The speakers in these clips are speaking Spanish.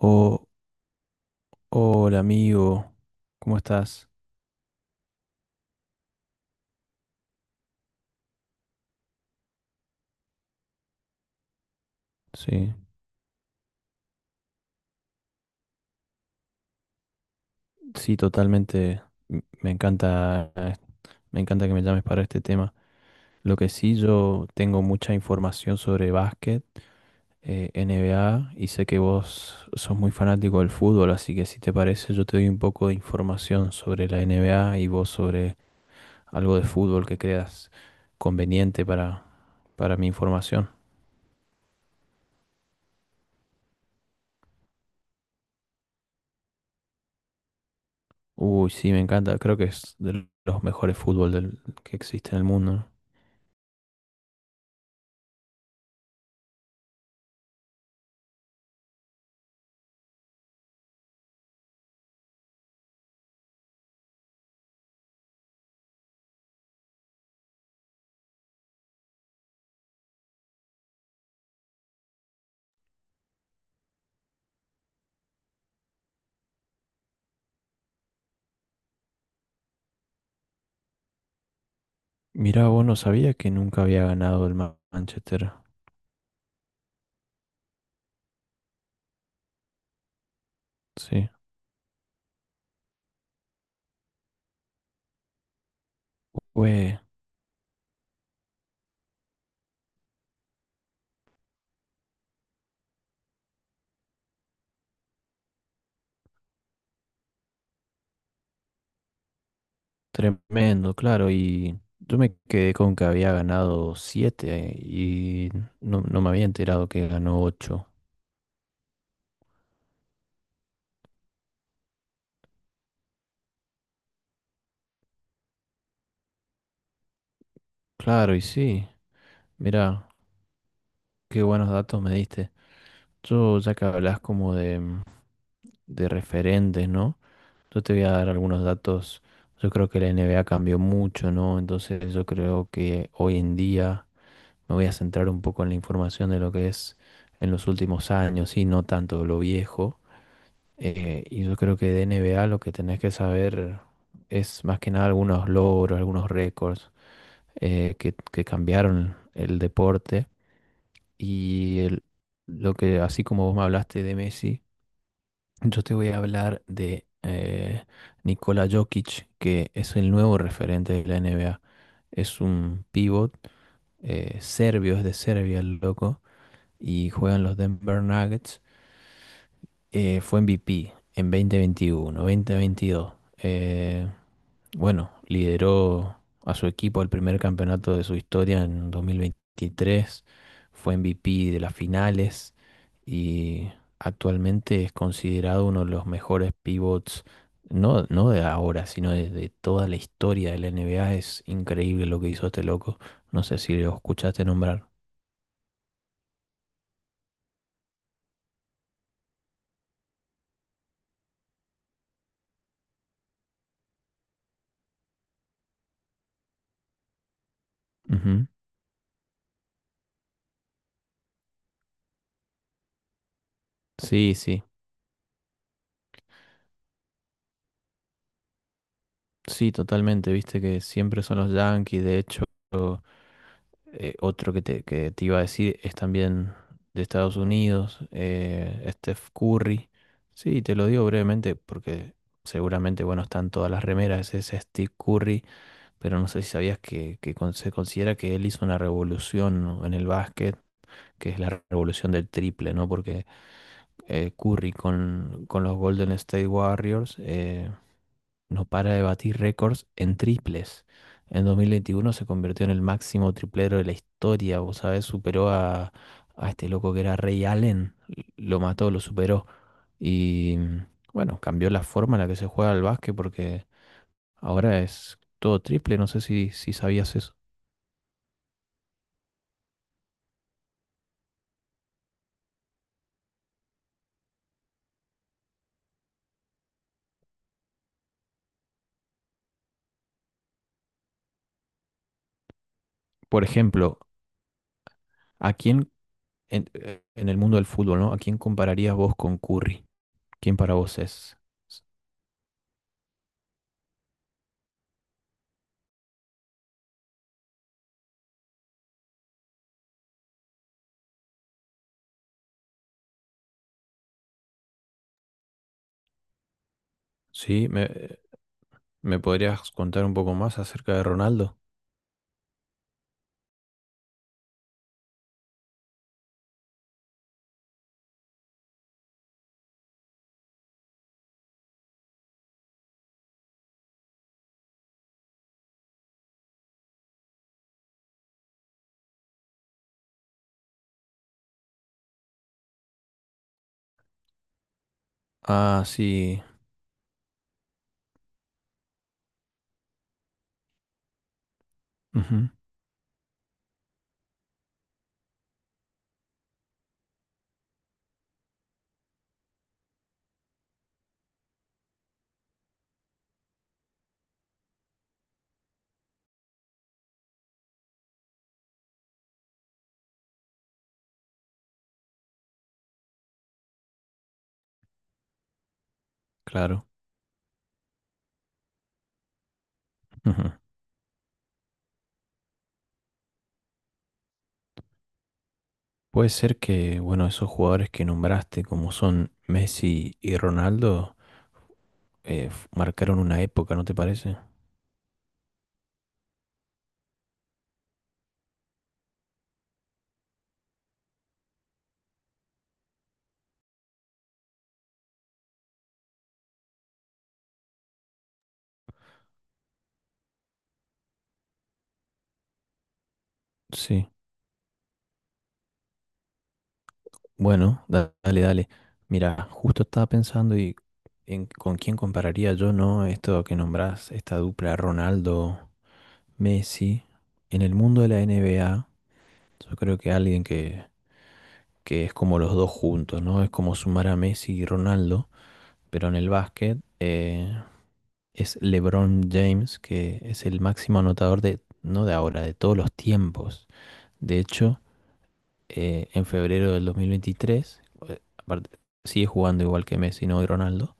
Oh, hola amigo, ¿cómo estás? Sí, sí, totalmente. m- Me encanta, eh, me encanta que me llames para este tema. Lo que sí, yo tengo mucha información sobre básquet, NBA, y sé que vos sos muy fanático del fútbol, así que si te parece, yo te doy un poco de información sobre la NBA y vos sobre algo de fútbol que creas conveniente para mi información. Uy, sí, me encanta. Creo que es de los mejores fútbol que existe en el mundo, ¿no? Mira, vos no sabía que nunca había ganado el Manchester. Sí, fue tremendo, claro. Y yo me quedé con que había ganado siete y no, no me había enterado que ganó ocho. Claro, y sí, mira, qué buenos datos me diste. Yo, ya que hablas como de referentes, ¿no? Yo te voy a dar algunos datos. Yo creo que la NBA cambió mucho, ¿no? Entonces yo creo que hoy en día me voy a centrar un poco en la información de lo que es en los últimos años y no tanto lo viejo. Y yo creo que de N B A lo que tenés que saber es más que nada algunos logros, algunos récords, que cambiaron el deporte. Y lo que, así como vos me hablaste de Messi, yo te voy a hablar de Nikola Jokic, que es el nuevo referente de la N B A. Es un pivot serbio, es de Serbia el loco y juegan los Denver Nuggets. Fue MVP en 2021, 2022. Bueno, lideró a su equipo al primer campeonato de su historia en 2023, fue MVP de las finales y actualmente es considerado uno de los mejores pivots, no, no de ahora, sino de toda la historia de la NBA. Es increíble lo que hizo este loco. No sé si lo escuchaste nombrar. Ujú. Sí, sí. Sí, totalmente, viste que siempre son los Yankees, de hecho, otro que te iba a decir es también de Estados Unidos, Steph Curry. Sí, te lo digo brevemente porque seguramente, bueno, están todas las remeras, es Steve Curry, pero no sé si sabías que se considera que él hizo una revolución en el básquet, que es la revolución del triple, ¿no? Porque Curry con los Golden State Warriors. No para de batir récords en triples. En 2021 se convirtió en el máximo triplero de la historia, vos sabés, superó a este loco que era Ray Allen, lo mató, lo superó. Y bueno, cambió la forma en la que se juega al básquet porque ahora es todo triple, no sé si sabías eso. Por ejemplo, ¿a quién en el mundo del fútbol, no? ¿A quién compararías vos con Curry? ¿Quién para vos es? Sí, ¿me podrías contar un poco más acerca de Ronaldo? Ah, sí, ujú, claro. Ujú. Puede ser que, bueno, esos jugadores que nombraste, como son Messi y Ronaldo, marcaron una época, ¿no te parece? Sí. Bueno, dale, dale. Mira, justo estaba pensando y en con quién compararía yo, ¿no? Esto que nombrás, esta dupla Ronaldo-Messi. En el mundo de la NBA, yo creo que alguien que es como los dos juntos, ¿no? Es como sumar a Messi y Ronaldo, pero en el básquet, es LeBron James, que es el máximo anotador de, no de ahora, de todos los tiempos. De hecho, en febrero del 2023, aparte, sigue jugando igual que Messi, no y Ronaldo,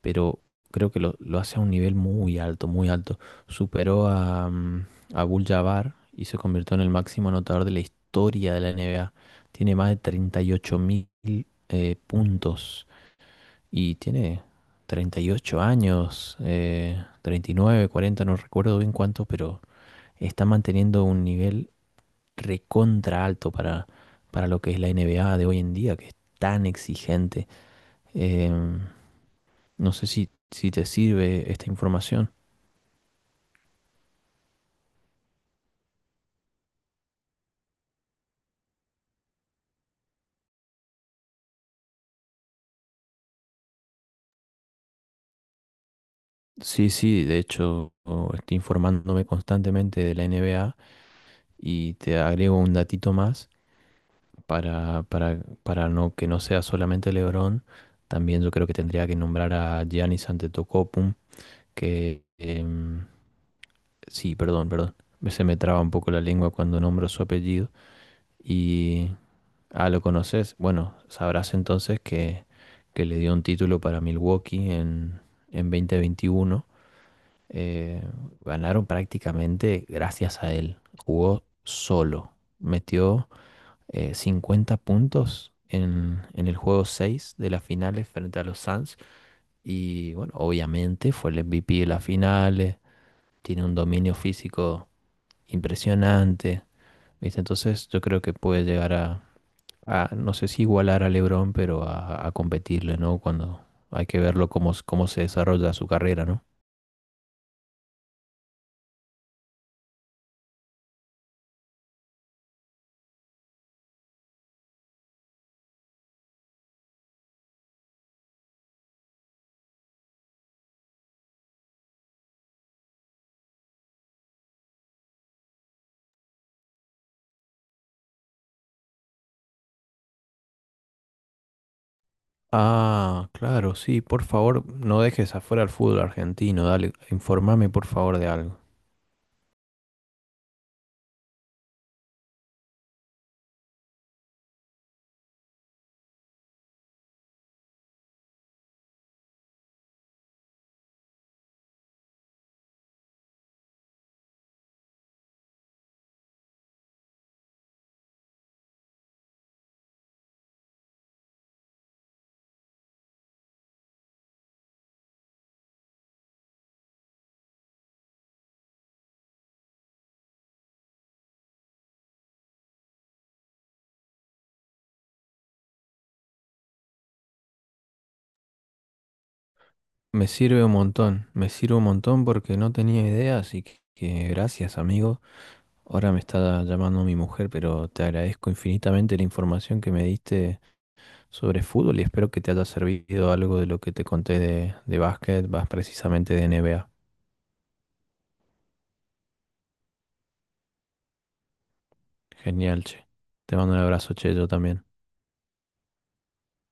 pero creo que lo hace a un nivel muy alto, muy alto. Superó a Abdul-Jabbar y se convirtió en el máximo anotador de la historia de la NBA. Tiene más de 38.000 mil puntos y tiene 38 años, 39, 40, no recuerdo bien cuánto, pero está manteniendo un nivel recontra alto para lo que es la NBA de hoy en día, que es tan exigente. Em, no sé si te sirve esta información. Sí, sí, de hecho, oh, estoy informándome constantemente de la NBA y te agrego un datito más. Para no, que no sea solamente LeBron, también yo creo que tendría que nombrar a Giannis Antetokounmpo, que sí, perdón, perdón, se me traba un poco la lengua cuando nombro su apellido y ah, lo conoces, bueno, sabrás entonces que le dio un título para Milwaukee en 2021. Eh, ganaron prácticamente gracias a él. Jugó solo, metió 50 puntos en el juego 6 de las finales frente a los Suns. Y bueno, obviamente fue el MVP de las finales, tiene un dominio físico impresionante, ¿viste? Entonces yo creo que puede llegar a, no sé si igualar a LeBron, pero a competirle, ¿no? Cuando hay que verlo cómo se desarrolla su carrera, ¿no? Ah, claro, sí, por favor, no dejes afuera el fútbol argentino, dale, informame por favor de algo. Me sirve un montón, me sirve un montón porque no tenía idea, así que gracias, amigo. Ahora me está llamando mi mujer, pero te agradezco infinitamente la información que me diste sobre fútbol y espero que te haya servido algo de lo que te conté de básquet, más precisamente de NBA. Genial, che. Te mando un abrazo, che, yo también.